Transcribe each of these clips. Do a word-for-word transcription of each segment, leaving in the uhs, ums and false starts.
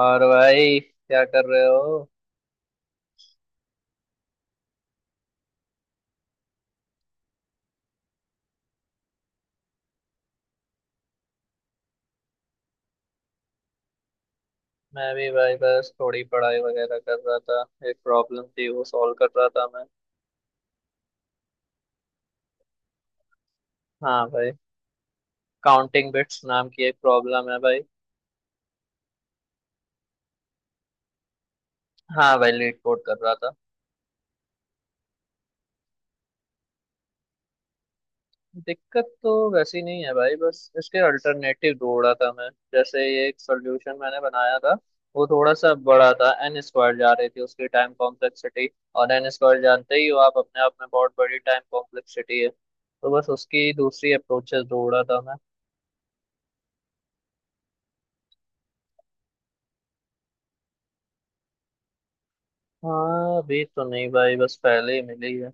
और भाई क्या कर रहे हो? मैं भी भाई बस थोड़ी पढ़ाई वगैरह कर रहा था। एक प्रॉब्लम थी, वो सॉल्व कर रहा था मैं। हाँ भाई। काउंटिंग बिट्स नाम की एक प्रॉब्लम है भाई। हाँ भाई, लीड कोड कर रहा था। दिक्कत तो वैसी नहीं है भाई, बस इसके अल्टरनेटिव ढूंढ रहा था मैं। जैसे ये एक सोल्यूशन मैंने बनाया था, वो थोड़ा सा बड़ा था, एन स्क्वायर जा रही थी उसकी टाइम कॉम्प्लेक्सिटी। और एन स्क्वायर जानते ही हो आप, अपने आप में बहुत बड़ी टाइम कॉम्प्लेक्सिटी है, तो बस उसकी दूसरी अप्रोचेस ढूंढ रहा था। हाँ अभी तो नहीं भाई, बस पहले ही मिली है।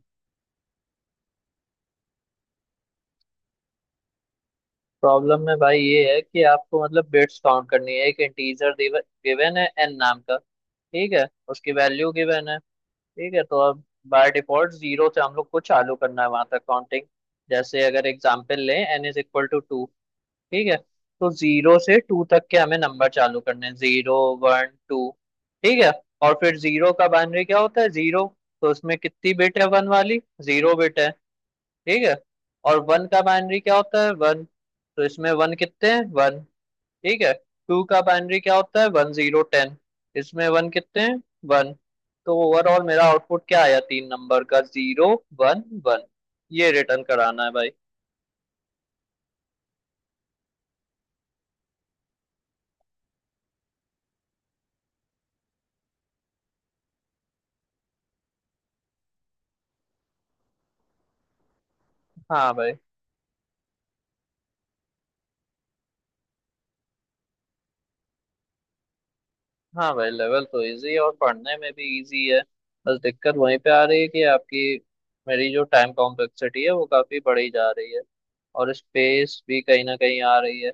प्रॉब्लम में भाई ये है कि आपको मतलब बिट्स काउंट करनी है, एक इंटीजर गिवन है एन नाम का। ठीक है। उसकी वैल्यू गिवन है। ठीक है, तो अब बाय डिफॉल्ट जीरो से हम लोग को चालू करना है, वहां तक काउंटिंग। जैसे अगर एग्जांपल लें, N is equal to two. ठीक है। तो जीरो से टू तक के हमें नंबर चालू करने हैं, जीरो वन टू। ठीक है। और फिर जीरो का बाइनरी क्या होता है? जीरो। तो उसमें कितनी बिट है वन वाली? जीरो बिट है। ठीक है। और वन का बाइनरी क्या होता है? वन। तो इसमें वन कितने हैं? वन। ठीक है। टू का बाइनरी क्या होता है? One zero, ten. इसमें वन कितने हैं? वन। तो ओवरऑल मेरा आउटपुट क्या आया? तीन नंबर का, जीरो वन वन। ये रिटर्न कराना है भाई। हाँ भाई। हाँ भाई, लेवल तो इजी है, और पढ़ने में भी इजी है। बस दिक्कत वहीं पे आ रही है कि आपकी मेरी जो टाइम कॉम्प्लेक्सिटी है वो काफी बढ़ी जा रही है, और स्पेस भी कहीं ना कहीं आ रही है।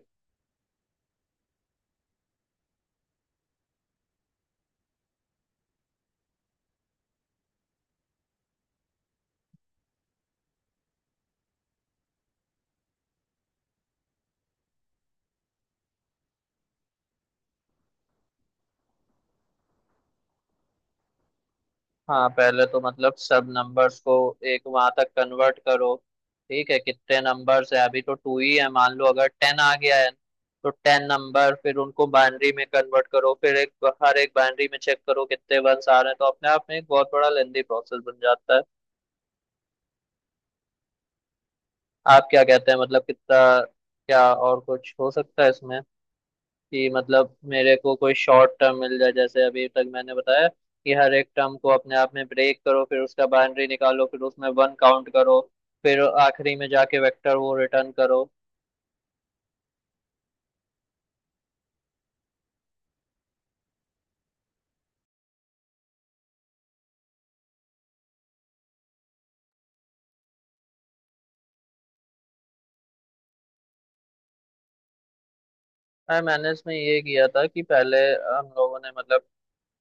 हाँ पहले तो मतलब सब नंबर्स को एक वहां तक कन्वर्ट करो। ठीक है, कितने नंबर्स है? अभी तो टू ही है, मान लो अगर टेन आ गया है, तो टेन नंबर, फिर उनको बाइनरी में कन्वर्ट करो, फिर एक हर एक बाइनरी में चेक करो कितने वंस आ रहे हैं, तो अपने आप में एक बहुत बड़ा लेंदी प्रोसेस बन जाता है। आप क्या कहते हैं, मतलब कितना, क्या और कुछ हो सकता है इसमें कि मतलब मेरे को कोई शॉर्ट टर्म मिल जाए, जैसे अभी तक मैंने बताया कि हर एक टर्म को अपने आप में ब्रेक करो, फिर उसका बाउंड्री निकालो, फिर उसमें वन काउंट करो, फिर आखिरी में जाके वेक्टर वो रिटर्न करो। और मैंने इसमें ये किया था कि पहले हम लोगों ने मतलब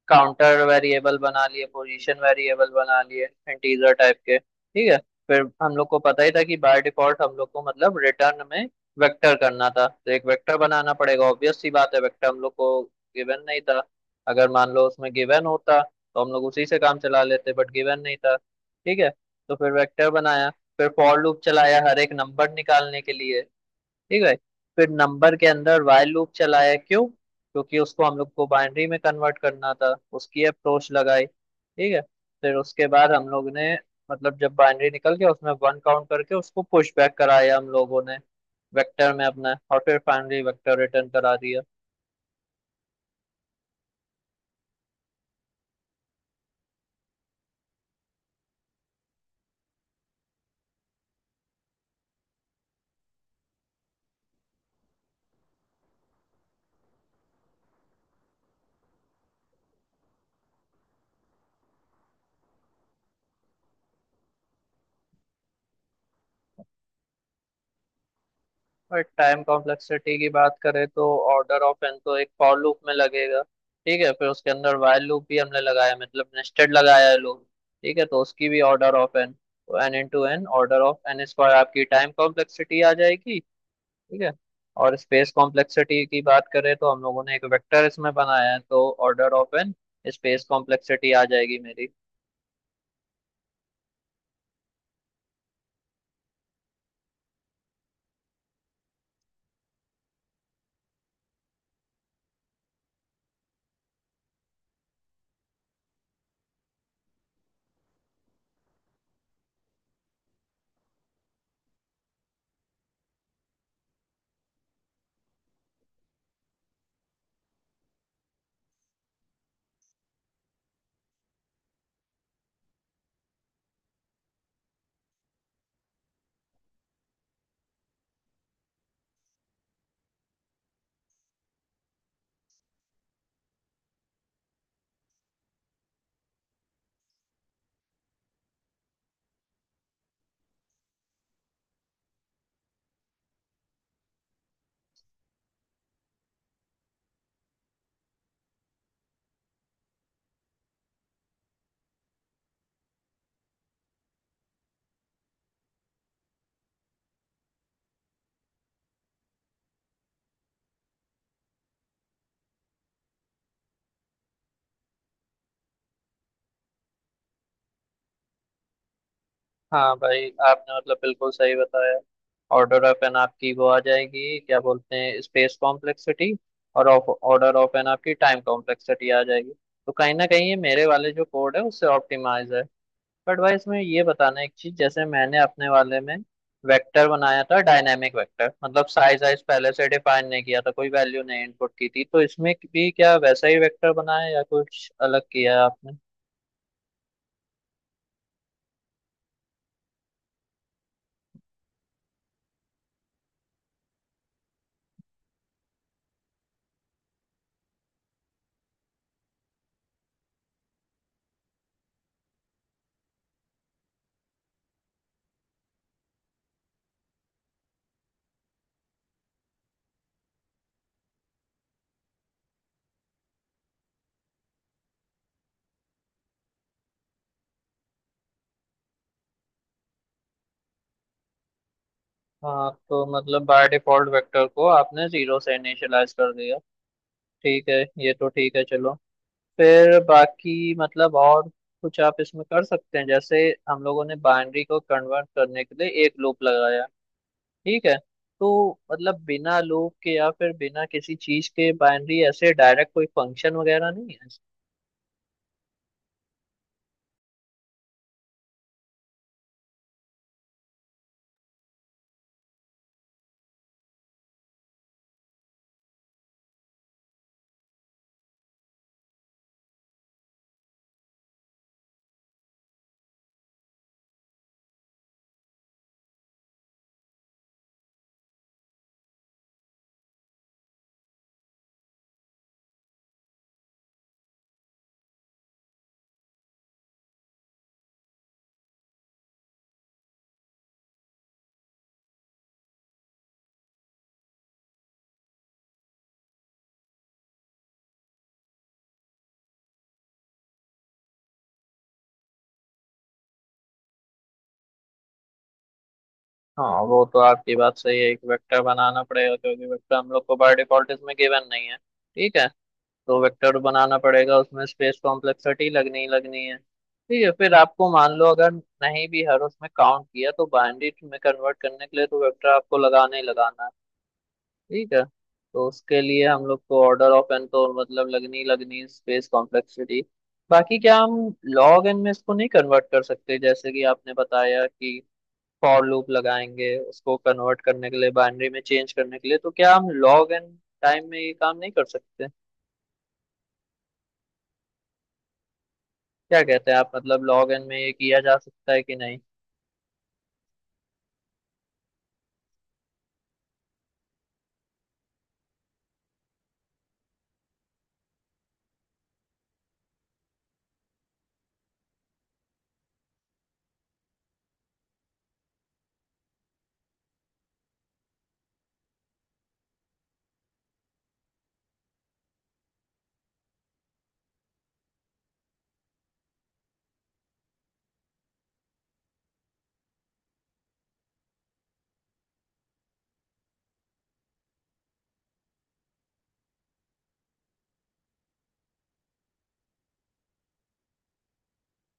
काउंटर वेरिएबल बना लिए, पोजीशन वेरिएबल बना लिए, इंटीजर टाइप के। ठीक है। फिर हम लोग को पता ही था कि बाय डिफॉल्ट हम लोग को मतलब रिटर्न में वेक्टर करना था, तो एक वेक्टर बनाना पड़ेगा, ऑब्वियस सी बात है, वेक्टर हम लोग को गिवन नहीं था। अगर मान लो उसमें गिवन होता तो हम लोग उसी से काम चला लेते, बट गिवन नहीं था। ठीक है। तो फिर वेक्टर बनाया, फिर फॉर लूप चलाया हर एक नंबर निकालने के लिए। ठीक है। फिर नंबर के अंदर while लूप चलाया, क्यों? क्योंकि उसको हम लोग को बाइनरी में कन्वर्ट करना था, उसकी अप्रोच लगाई। ठीक है। फिर उसके बाद हम लोग ने मतलब जब बाइनरी निकल गया, उसमें वन काउंट करके उसको पुश बैक कराया हम लोगों ने वेक्टर में अपना, और फिर फाइनली वेक्टर रिटर्न करा दिया। और टाइम कॉम्प्लेक्सिटी की बात करें तो ऑर्डर ऑफ एन तो एक फॉर लूप में लगेगा। ठीक है, फिर उसके अंदर वाइल लूप भी हमने लगाया है, मतलब नेस्टेड लगाया है लूप। ठीक है, तो उसकी भी ऑर्डर ऑफ एन, तो N into N, order of N square आपकी टाइम कॉम्प्लेक्सिटी आ जाएगी। ठीक है। और स्पेस कॉम्प्लेक्सिटी की बात करें तो हम लोगों ने एक वेक्टर इसमें बनाया है, तो order of N space complexity आ जाएगी मेरी। हाँ भाई, आपने मतलब बिल्कुल सही बताया। ऑर्डर ऑफ एन आपकी वो आ जाएगी, क्या बोलते हैं, स्पेस कॉम्प्लेक्सिटी, और ऑफ ऑर्डर ऑफ एन आपकी टाइम कॉम्प्लेक्सिटी आ जाएगी। तो कहीं ना कहीं ये मेरे वाले जो कोड है उससे ऑप्टिमाइज है। बट भाई इसमें ये बताना है एक चीज, जैसे मैंने अपने वाले में वेक्टर बनाया था डायनेमिक वेक्टर, मतलब साइज वाइज पहले से डिफाइन नहीं किया था, कोई वैल्यू नहीं इनपुट की थी, तो इसमें भी क्या वैसा ही वेक्टर बनाया या कुछ अलग किया है आपने? हाँ तो मतलब बाय डिफॉल्ट वेक्टर को आपने जीरो से इनिशियलाइज कर दिया। ठीक है। ये तो ठीक है चलो। फिर बाकी मतलब और कुछ आप इसमें कर सकते हैं? जैसे हम लोगों ने बाइनरी को कन्वर्ट करने के लिए एक लूप लगाया। ठीक है, तो मतलब बिना लूप के या फिर बिना किसी चीज के बाइनरी ऐसे डायरेक्ट कोई फंक्शन वगैरह नहीं है? हाँ वो तो आपकी बात सही है, एक वेक्टर बनाना पड़ेगा, क्योंकि वेक्टर हम लोग को बाय डिफॉल्ट इसमें गिवन नहीं है। ठीक है, तो वेक्टर बनाना पड़ेगा, उसमें स्पेस कॉम्प्लेक्सिटी लगनी ही लगनी है। ठीक है, फिर आपको मान लो अगर नहीं भी हर उसमें काउंट किया, तो बाइनरी में कन्वर्ट करने के लिए तो वेक्टर आपको लगाना ही लगाना है। ठीक है, तो उसके लिए हम लोग को ऑर्डर ऑफ एन, तो मतलब लगनी ही लगनी स्पेस कॉम्प्लेक्सिटी। बाकी क्या हम लॉग एन में इसको नहीं कन्वर्ट कर सकते, जैसे कि आपने बताया कि फॉर लूप लगाएंगे उसको कन्वर्ट करने के लिए, बाइनरी में चेंज करने के लिए, तो क्या हम लॉग एन टाइम में ये काम नहीं कर सकते? क्या कहते हैं आप, मतलब लॉग इन में ये किया जा सकता है कि नहीं?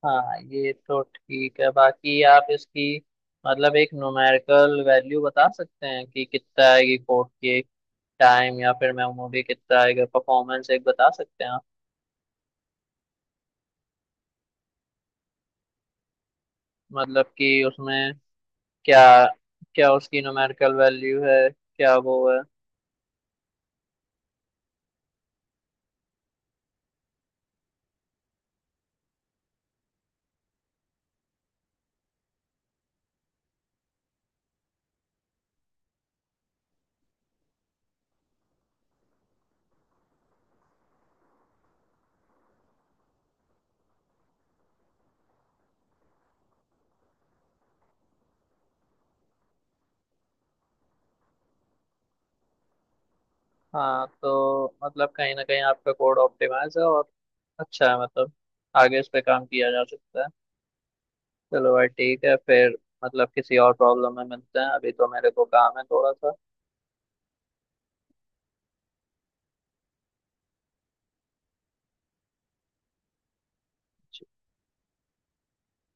हाँ ये तो ठीक है, बाकी आप इसकी मतलब एक न्यूमेरिकल वैल्यू बता सकते हैं कि कितना आएगी कोड की टाइम, या फिर मेमोरी कितना आएगा, परफॉर्मेंस एक बता सकते हैं आप, मतलब कि उसमें क्या, क्या उसकी न्यूमेरिकल वैल्यू है, क्या वो है? हाँ तो मतलब कहीं ना कहीं आपका कोड ऑप्टिमाइज है और अच्छा है, मतलब आगे इस पे काम किया जा सकता है। चलो भाई ठीक है फिर, मतलब किसी और प्रॉब्लम में मिलते हैं, अभी तो मेरे को काम है थोड़ा सा।